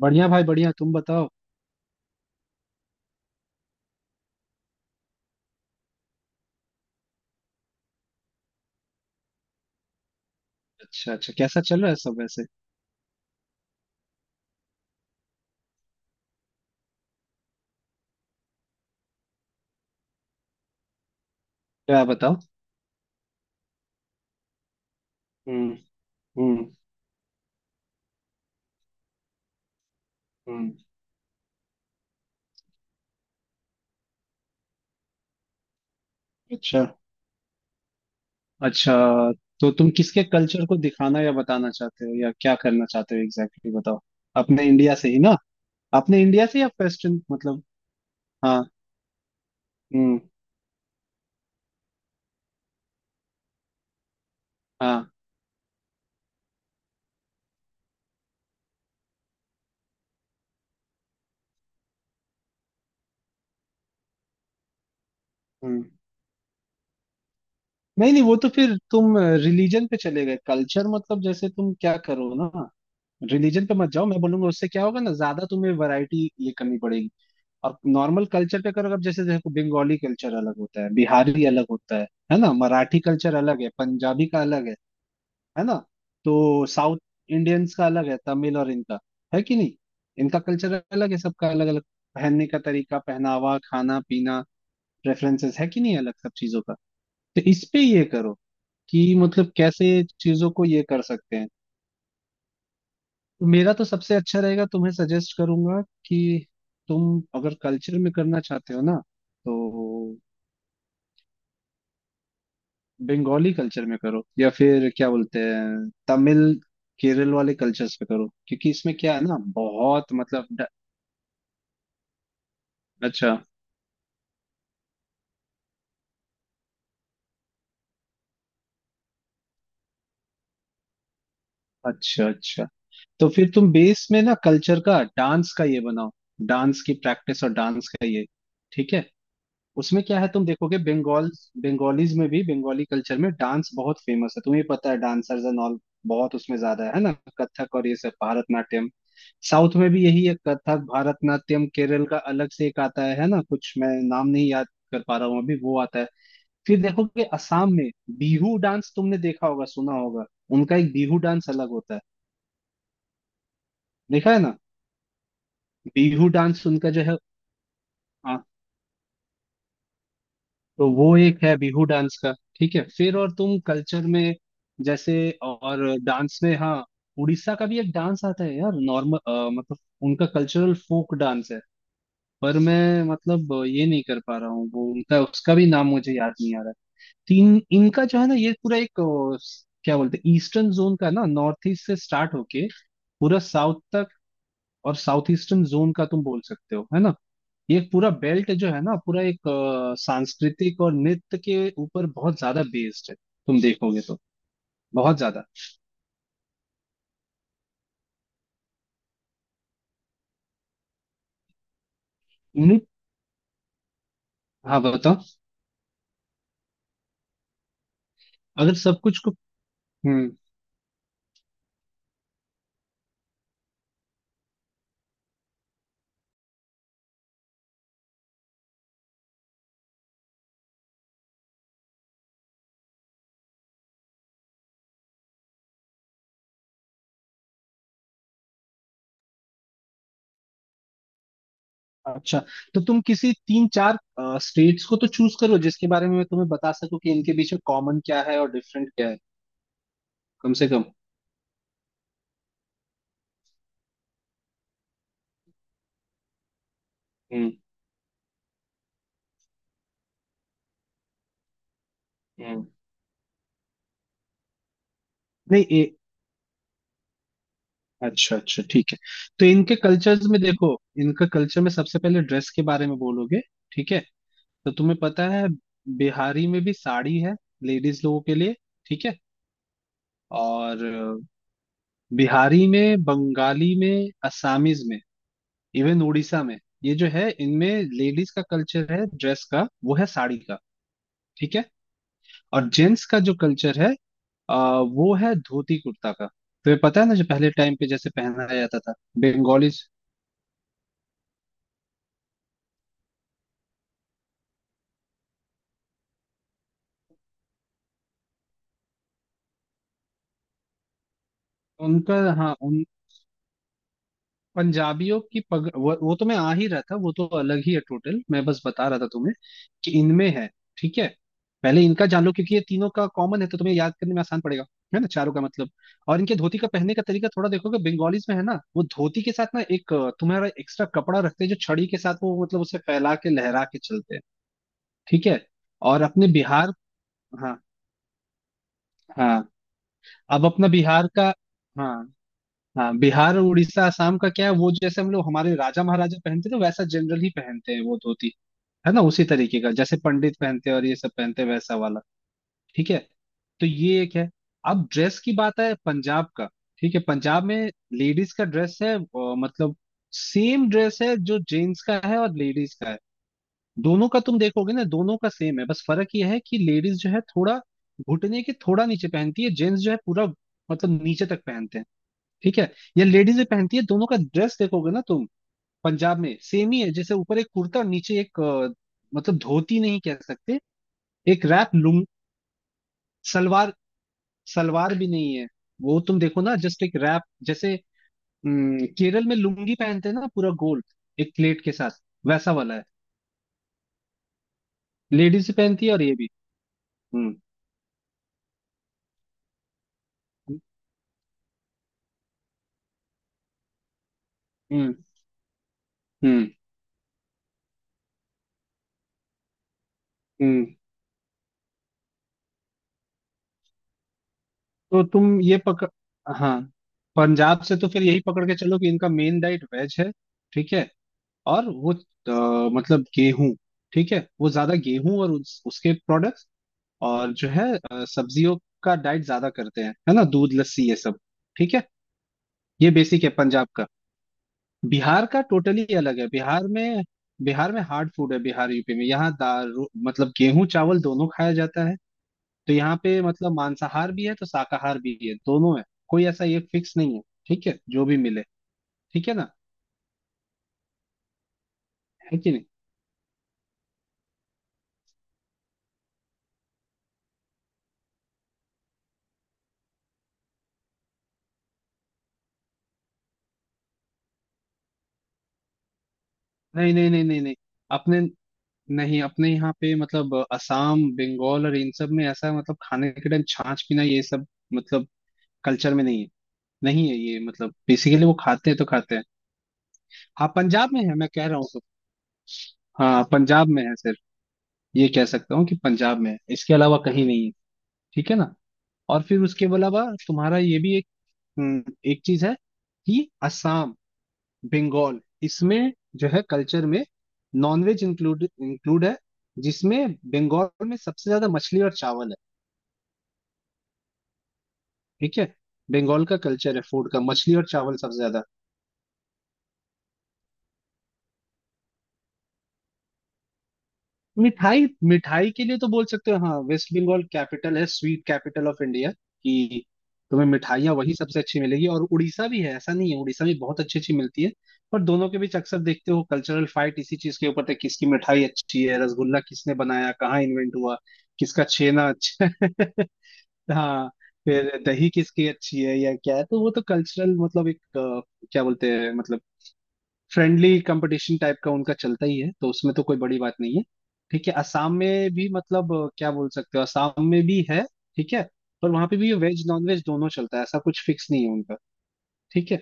बढ़िया भाई बढ़िया, तुम बताओ। अच्छा अच्छा, कैसा चल रहा है सब वैसे? क्या बताओ। हम्म। हम्म। हम्म। अच्छा अच्छा। तो तुम किसके कल्चर को दिखाना या बताना चाहते हो, या क्या करना चाहते हो एग्जैक्टली exactly बताओ। अपने इंडिया से ही ना? अपने इंडिया से या वेस्टर्न मतलब? हाँ। हम्म। हाँ। हम्म। नहीं नहीं, वो तो फिर तुम रिलीजन पे चले गए। कल्चर मतलब जैसे तुम क्या करो ना, रिलीजन पे मत जाओ, मैं बोलूंगा। उससे क्या होगा ना, ज्यादा तुम्हें वैरायटी ये करनी पड़ेगी। और नॉर्मल कल्चर पे करो। अब जैसे देखो, बंगाली कल्चर अलग होता है, बिहारी अलग होता है। है ना? मराठी कल्चर अलग है, पंजाबी का अलग है। है ना? तो साउथ इंडियंस का अलग है, तमिल और इनका। है कि नहीं? इनका कल्चर अलग है, सबका अलग अलग। पहनने का तरीका, पहनावा, खाना पीना, प्रेफरेंसेस, है कि नहीं अलग सब चीजों का? तो इस पे ये करो कि मतलब कैसे चीजों को ये कर सकते हैं। तो मेरा तो सबसे अच्छा रहेगा, तुम्हें सजेस्ट करूंगा कि तुम अगर कल्चर में करना चाहते हो ना, तो बंगाली कल्चर में करो, या फिर क्या बोलते हैं तमिल, केरल वाले कल्चर्स पे करो, क्योंकि इसमें क्या है ना, बहुत मतलब ड-। अच्छा अच्छा अच्छा। तो फिर तुम बेस में ना कल्चर का डांस का ये बनाओ। डांस की प्रैक्टिस और डांस का ये। ठीक है। उसमें क्या है, तुम देखोगे बंगाल, बंगालीज में भी, बंगाली कल्चर में डांस बहुत फेमस है। तुम्हें पता है डांसर्स एंड ऑल बहुत उसमें ज्यादा है ना। कथक और ये सब, भारतनाट्यम। साउथ में भी यही है, कथक, भारतनाट्यम। केरल का अलग से एक आता है ना, कुछ, मैं नाम नहीं याद कर पा रहा हूँ अभी, वो आता है। फिर देखोगे असम में, बिहू डांस, तुमने देखा होगा, सुना होगा। उनका एक बिहू डांस अलग होता है। देखा है ना? बिहू डांस उनका जो है। तो वो एक है, बिहू डांस का। ठीक है। फिर और तुम कल्चर में, जैसे, और डांस में, हाँ, उड़ीसा का भी एक डांस आता है यार, नॉर्मल, मतलब उनका कल्चरल फोक डांस है। पर मैं मतलब ये नहीं कर पा रहा हूँ, वो उनका, उसका भी नाम मुझे याद नहीं आ रहा है। तीन इनका जो है ना, ये पूरा एक क्या बोलते हैं, ईस्टर्न जोन का ना, नॉर्थ ईस्ट से स्टार्ट होके पूरा साउथ तक, और साउथ ईस्टर्न जोन का तुम बोल सकते हो, है ना। ये पूरा बेल्ट जो है ना, पूरा एक सांस्कृतिक और नृत्य के ऊपर बहुत ज्यादा बेस्ड है। तुम देखोगे तो बहुत ज्यादा नृत्य। हाँ बताओ। अगर सब कुछ को। हम्म। अच्छा। तो तुम किसी तीन चार स्टेट्स को तो चूज करो, जिसके बारे में मैं तुम्हें बता सकूं कि इनके बीच में कॉमन क्या है और डिफरेंट क्या है, कम से कम। हम्म। हम्म। नहीं ए,। अच्छा अच्छा ठीक है। तो इनके कल्चर्स में देखो, इनका कल्चर में सबसे पहले ड्रेस के बारे में बोलोगे। ठीक है। तो तुम्हें पता है, बिहारी में भी साड़ी है, लेडीज लोगों के लिए। ठीक है। और बिहारी में, बंगाली में, असमीज में, इवन उड़ीसा में, ये जो है इनमें, लेडीज का कल्चर है ड्रेस का, वो है साड़ी का। ठीक है। और जेंट्स का जो कल्चर है, अ, वो है धोती कुर्ता का। तुम्हें पता है ना, जो पहले टाइम पे जैसे पहनाया जाता था। बंगालीज, उनका, हाँ, उन, पंजाबियों की पग, वो तो मैं आ ही रहा था, वो तो अलग ही है टोटल। मैं बस बता रहा था तुम्हें कि इनमें है। ठीक है। पहले इनका जान लो, क्योंकि ये तीनों का कॉमन है, तो तुम्हें याद करने में आसान पड़ेगा। है ना, चारों का मतलब। और इनके धोती का पहनने का तरीका थोड़ा देखोगे, बंगालीज में है ना, वो धोती के साथ ना एक तुम्हारा एक्स्ट्रा कपड़ा रखते हैं, जो छड़ी के साथ वो मतलब उसे फैला के लहरा के चलते हैं। ठीक है। और अपने बिहार, हाँ, हाँ। अब अपना बिहार का, हाँ, हाँ, बिहार और उड़ीसा, असम का क्या है, वो जैसे हम लोग हमारे राजा महाराजा पहनते थे, वैसा जनरल ही पहनते हैं वो धोती। है ना, उसी तरीके का जैसे पंडित पहनते हैं और ये सब पहनते हैं, वैसा वाला। ठीक है। तो ये एक है। अब ड्रेस की बात है पंजाब का। ठीक है। पंजाब में लेडीज का ड्रेस है, मतलब सेम ड्रेस है जो जेंट्स का है और लेडीज का है। दोनों का तुम देखोगे ना, दोनों का सेम है, बस फर्क ये है कि लेडीज जो है थोड़ा घुटने के थोड़ा नीचे पहनती है, जेंट्स जो है पूरा मतलब नीचे तक पहनते हैं। ठीक है। ये लेडीजें पहनती है। दोनों का ड्रेस देखोगे ना तुम, पंजाब में सेम ही है, जैसे ऊपर एक कुर्ता और नीचे एक मतलब धोती नहीं कह सकते, एक रैप, लुंग, सलवार। सलवार भी नहीं है, वो तुम देखो ना, जस्ट एक रैप, जैसे केरल में लुंगी पहनते हैं ना पूरा गोल एक प्लेट के साथ, वैसा वाला है। लेडीज पहनती है और ये भी। हम्म। हम्म। हम्म। हम्म। तो तुम ये पकड़, हाँ, पंजाब से तो फिर यही पकड़ के चलो कि इनका मेन डाइट वेज है। ठीक है। और वो मतलब गेहूं, ठीक है, वो ज्यादा गेहूं और उसके प्रोडक्ट्स और जो है सब्जियों का डाइट ज्यादा करते हैं। है ना, दूध, लस्सी, ये सब। ठीक है। ये बेसिक है पंजाब का। बिहार का टोटली अलग है। बिहार में, बिहार में हार्ड फूड है। बिहार, यूपी में यहाँ मतलब गेहूं चावल दोनों खाया जाता है। तो यहाँ पे मतलब मांसाहार भी है तो शाकाहार भी है, दोनों है। कोई ऐसा ये फिक्स नहीं है। ठीक है, जो भी मिले। ठीक है ना। है कि नहीं। नहीं नहीं नहीं नहीं नहीं अपने, नहीं अपने यहाँ पे मतलब असम, बंगाल और इन सब में ऐसा मतलब खाने के टाइम छाछ पीना ये सब मतलब कल्चर में नहीं है। नहीं है ये, मतलब बेसिकली वो खाते हैं तो खाते हैं। हाँ पंजाब में है मैं कह रहा हूँ तो। हाँ पंजाब में है सिर्फ, ये कह सकता हूँ कि पंजाब में है, इसके अलावा कहीं नहीं है। ठीक है ना। और फिर उसके अलावा तुम्हारा ये भी एक एक चीज है कि असम, बंगाल, इसमें जो है कल्चर में, नॉनवेज इंक्लूड, इंक्लूड है। जिसमें बंगाल में सबसे ज्यादा मछली और चावल है। ठीक है। बंगाल का कल्चर है फूड का, मछली और चावल सबसे ज्यादा। मिठाई, मिठाई के लिए तो बोल सकते हो, हाँ, वेस्ट बंगाल कैपिटल है, स्वीट कैपिटल ऑफ इंडिया कि तुम्हें मिठाइयाँ वही सबसे अच्छी मिलेगी। और उड़ीसा भी है, ऐसा नहीं है, उड़ीसा में बहुत अच्छी अच्छी मिलती है। पर दोनों के बीच अक्सर देखते हो कल्चरल फाइट इसी चीज के ऊपर है, किसकी मिठाई अच्छी है, रसगुल्ला किसने बनाया, कहाँ इन्वेंट हुआ, किसका छेना अच्छा है। हाँ। फिर दही किसकी अच्छी है, या क्या है, तो वो तो कल्चरल मतलब एक क्या बोलते हैं, मतलब फ्रेंडली कंपटीशन टाइप का उनका चलता ही है, तो उसमें तो कोई बड़ी बात नहीं है। ठीक है। असम में भी मतलब क्या बोल सकते हो, असम में भी है। ठीक है। पर वहां पे भी वेज, नॉन वेज दोनों चलता है, ऐसा कुछ फिक्स नहीं है उनका। ठीक है।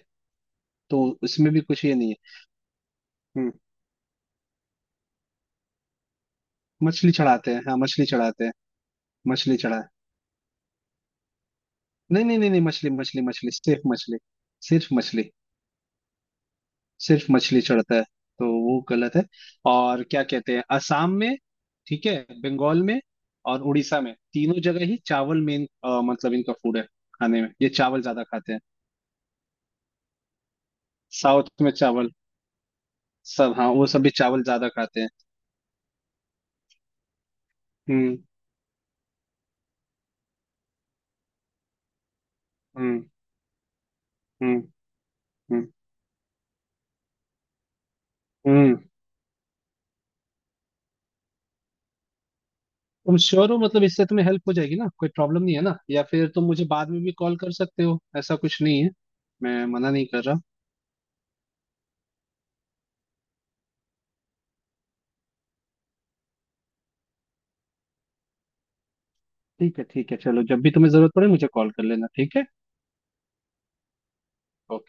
तो इसमें भी कुछ ये नहीं है। हम्म। मछली चढ़ाते हैं, हाँ मछली चढ़ाते हैं। मछली चढ़ाए, नहीं नहीं नहीं नहीं, मछली, मछली, मछली, सिर्फ मछली। सिर्फ मछली। सिर्फ मछली चढ़ता है, तो वो गलत है। और क्या कहते हैं, असम में, ठीक है, बंगाल में और उड़ीसा में तीनों जगह ही चावल मेन मतलब इनका फूड है। खाने में ये चावल ज्यादा खाते हैं। साउथ में चावल, सब, हाँ वो सब भी चावल ज्यादा खाते हैं। हम्म। हम्म। हम्म। हम्म। हम्म। तुम श्योर हो मतलब इससे तुम्हें हेल्प हो जाएगी ना, कोई प्रॉब्लम नहीं है ना? या फिर तुम मुझे बाद में भी कॉल कर सकते हो, ऐसा कुछ नहीं है, मैं मना नहीं कर रहा। ठीक है ठीक है, चलो, जब भी तुम्हें जरूरत पड़े मुझे कॉल कर लेना। ठीक है। ओके।